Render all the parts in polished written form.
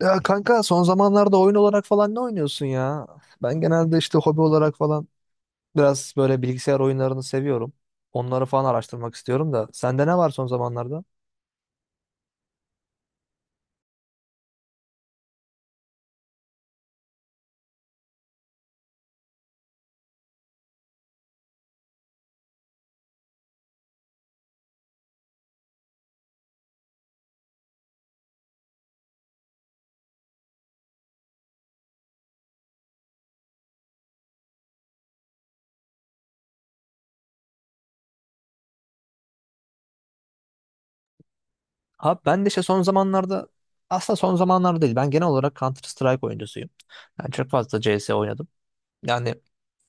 Ya kanka son zamanlarda oyun olarak falan ne oynuyorsun ya? Ben genelde işte hobi olarak falan biraz böyle bilgisayar oyunlarını seviyorum. Onları falan araştırmak istiyorum da. Sende ne var son zamanlarda? Abi ben de işte son zamanlarda aslında son zamanlarda değil. Ben genel olarak Counter Strike oyuncusuyum. Yani çok fazla CS oynadım. Yani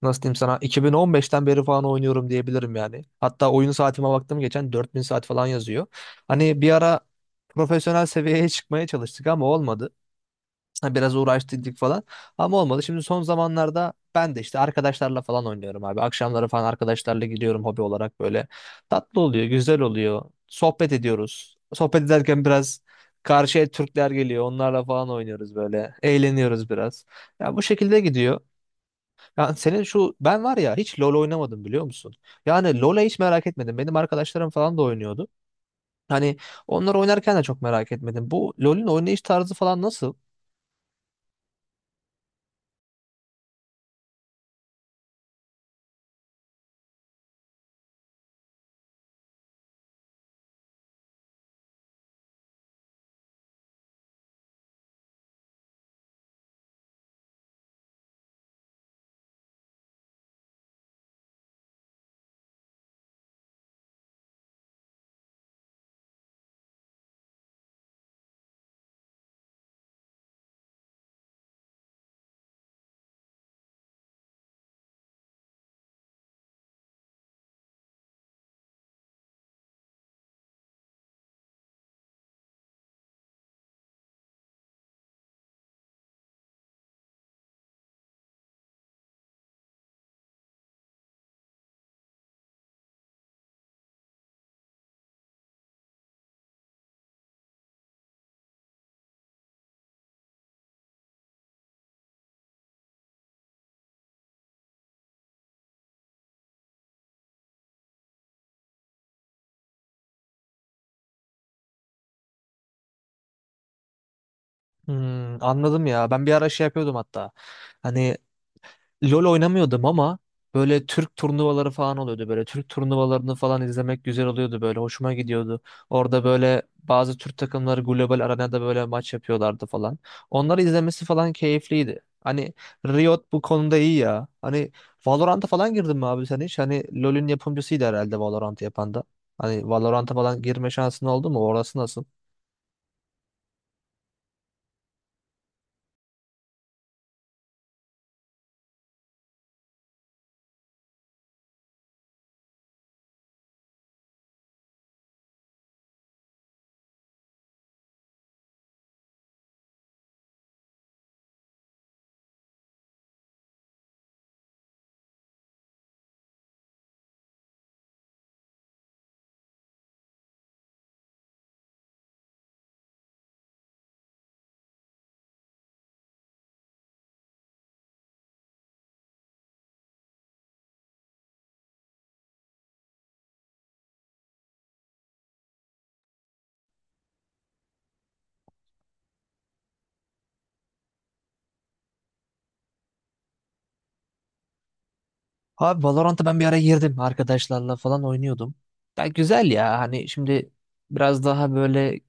nasıl diyeyim sana 2015'ten beri falan oynuyorum diyebilirim yani. Hatta oyun saatime baktım geçen 4.000 saat falan yazıyor. Hani bir ara profesyonel seviyeye çıkmaya çalıştık ama olmadı. Ha, biraz uğraştırdık falan. Ama olmadı. Şimdi son zamanlarda ben de işte arkadaşlarla falan oynuyorum abi. Akşamları falan arkadaşlarla gidiyorum hobi olarak böyle. Tatlı oluyor, güzel oluyor. Sohbet ediyoruz. Sohbet ederken biraz karşıya Türkler geliyor. Onlarla falan oynuyoruz böyle. Eğleniyoruz biraz. Ya bu şekilde gidiyor. Yani senin şu ben var ya hiç LoL oynamadım biliyor musun? Yani LoL'e hiç merak etmedim. Benim arkadaşlarım falan da oynuyordu. Hani onlar oynarken de çok merak etmedim. Bu LoL'ün oynayış tarzı falan nasıl? Hmm, anladım ya. Ben bir ara şey yapıyordum hatta. Hani LoL oynamıyordum ama böyle Türk turnuvaları falan oluyordu. Böyle Türk turnuvalarını falan izlemek güzel oluyordu böyle. Hoşuma gidiyordu. Orada böyle bazı Türk takımları global arenada böyle maç yapıyorlardı falan. Onları izlemesi falan keyifliydi. Hani Riot bu konuda iyi ya. Hani Valorant'a falan girdin mi abi sen hiç? Hani LoL'ün yapımcısıydı herhalde Valorant'ı yapan da. Hani Valorant'a falan girme şansın oldu mu? Orası nasıl? Abi Valorant'a ben bir ara girdim arkadaşlarla falan oynuyordum. Ya güzel ya hani şimdi biraz daha böyle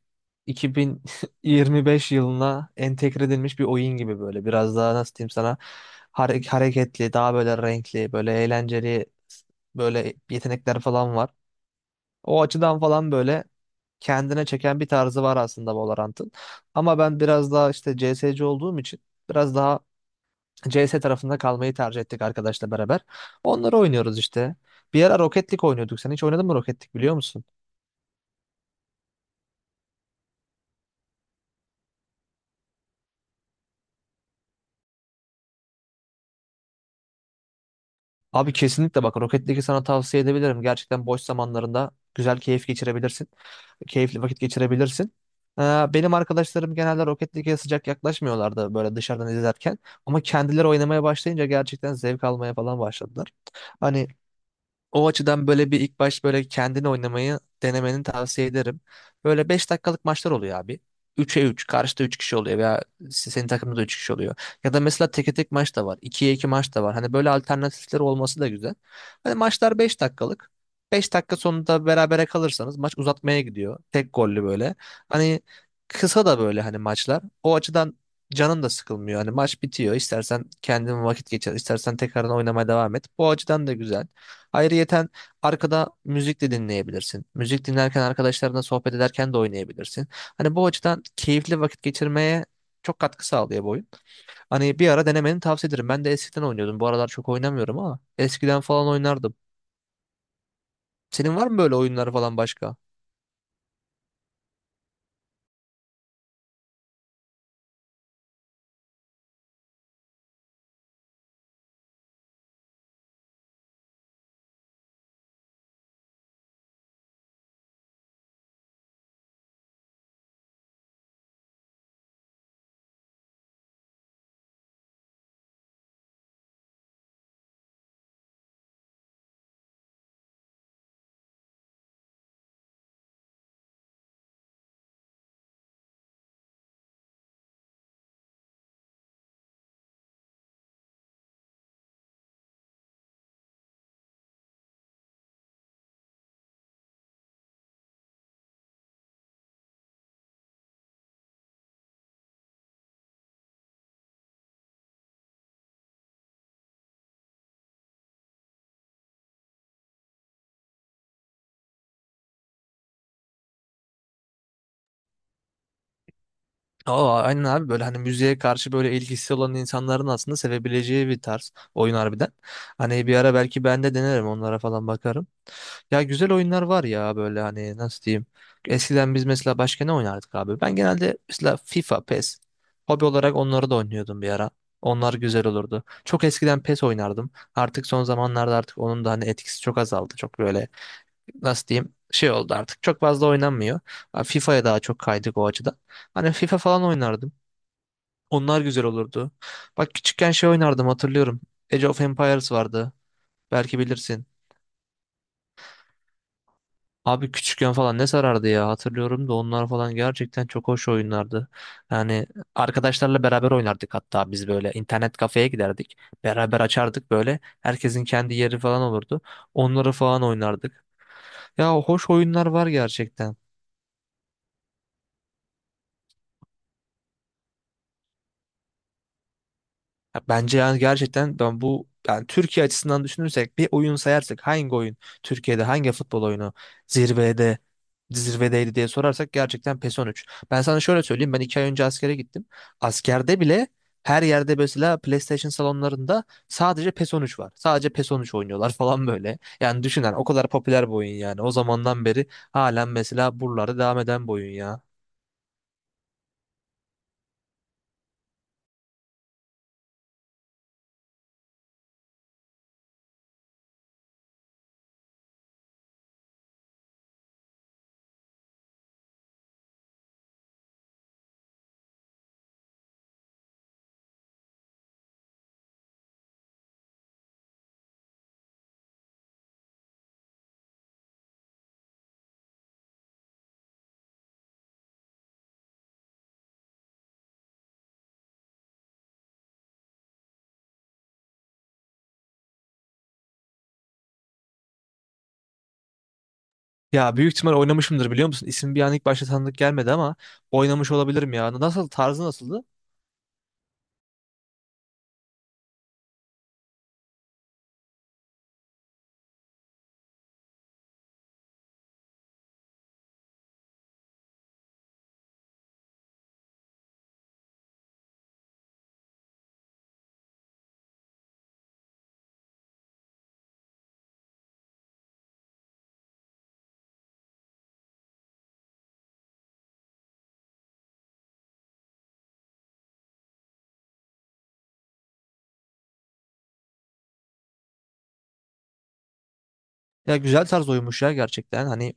2025 yılına entegre edilmiş bir oyun gibi böyle biraz daha nasıl diyeyim sana hareketli daha böyle renkli böyle eğlenceli böyle yetenekler falan var. O açıdan falan böyle kendine çeken bir tarzı var aslında Valorant'ın. Ama ben biraz daha işte CS:GO olduğum için biraz daha CS tarafında kalmayı tercih ettik arkadaşla beraber. Onları oynuyoruz işte. Bir ara Rocket League oynuyorduk. Sen hiç oynadın mı Rocket League biliyor musun? Abi kesinlikle bak Rocket League'i sana tavsiye edebilirim. Gerçekten boş zamanlarında güzel keyif geçirebilirsin. Keyifli vakit geçirebilirsin. Ee, Benim arkadaşlarım genelde Rocket League'e sıcak yaklaşmıyorlardı böyle dışarıdan izlerken. Ama kendileri oynamaya başlayınca gerçekten zevk almaya falan başladılar. Hani o açıdan böyle bir ilk baş böyle kendini oynamayı denemeni tavsiye ederim. Böyle 5 dakikalık maçlar oluyor abi. Üçe 3 karşıda 3 kişi oluyor veya senin takımda da 3 kişi oluyor. Ya da mesela teke tek maç da var. İkiye 2 maç da var. Hani böyle alternatifler olması da güzel. Hani maçlar 5 dakikalık. 5 dakika sonunda berabere kalırsanız maç uzatmaya gidiyor. Tek gollü böyle. Hani kısa da böyle hani maçlar. O açıdan canın da sıkılmıyor. Hani maç bitiyor. İstersen kendin vakit geçir, istersen tekrardan oynamaya devam et. Bu açıdan da güzel. Ayrıyeten arkada müzik de dinleyebilirsin. Müzik dinlerken arkadaşlarına sohbet ederken de oynayabilirsin. Hani bu açıdan keyifli vakit geçirmeye çok katkı sağlıyor bu oyun. Hani bir ara denemeni tavsiye ederim. Ben de eskiden oynuyordum. Bu aralar çok oynamıyorum ama eskiden falan oynardım. Senin var mı böyle oyunlar falan başka? Aa, aynen abi böyle hani müziğe karşı böyle ilgisi olan insanların aslında sevebileceği bir tarz oyun harbiden. Hani bir ara belki ben de denerim onlara falan bakarım. Ya güzel oyunlar var ya böyle hani nasıl diyeyim. Eskiden biz mesela başka ne oynardık abi? Ben genelde mesela FIFA, PES. Hobi olarak onları da oynuyordum bir ara. Onlar güzel olurdu. Çok eskiden PES oynardım. Artık son zamanlarda artık onun da hani etkisi çok azaldı. Çok böyle nasıl diyeyim şey oldu artık. Çok fazla oynanmıyor. Ha, FIFA'ya daha çok kaydık o açıdan. Hani FIFA falan oynardım. Onlar güzel olurdu. Bak küçükken şey oynardım hatırlıyorum. Age of Empires vardı. Belki bilirsin. Abi küçükken falan ne sarardı ya hatırlıyorum da onlar falan gerçekten çok hoş oyunlardı. Yani arkadaşlarla beraber oynardık hatta biz böyle internet kafeye giderdik. Beraber açardık böyle herkesin kendi yeri falan olurdu. Onları falan oynardık. Ya hoş oyunlar var gerçekten. Ya bence yani gerçekten ben bu yani Türkiye açısından düşünürsek bir oyun sayarsak hangi oyun Türkiye'de hangi futbol oyunu zirvede zirvedeydi diye sorarsak gerçekten PES 13. Ben sana şöyle söyleyeyim ben 2 ay önce askere gittim. Askerde bile her yerde mesela PlayStation salonlarında sadece PES 13 var. Sadece PES 13 oynuyorlar falan böyle. Yani düşünen o kadar popüler bir oyun yani. O zamandan beri halen mesela buralarda devam eden bir oyun ya. Ya büyük ihtimal oynamışımdır biliyor musun? İsim bir an ilk başta tanıdık gelmedi ama oynamış olabilirim ya. Nasıl tarzı nasıldı? Ya güzel tarz oymuş ya gerçekten. Hani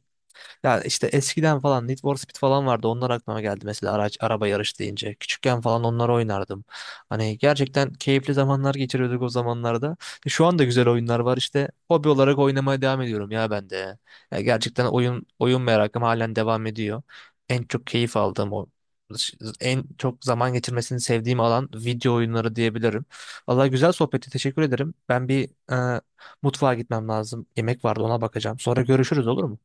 ya işte eskiden falan Need for Speed falan vardı. Onlar aklıma geldi mesela araç araba yarış deyince. Küçükken falan onları oynardım. Hani gerçekten keyifli zamanlar geçiriyorduk o zamanlarda. Şu anda güzel oyunlar var işte. Hobi olarak oynamaya devam ediyorum ya ben de. Ya gerçekten oyun merakım halen devam ediyor. En çok keyif aldığım o en çok zaman geçirmesini sevdiğim alan video oyunları diyebilirim. Vallahi güzel sohbeti teşekkür ederim. Ben bir e, mutfağa gitmem lazım. Yemek vardı ona bakacağım. Sonra görüşürüz olur mu?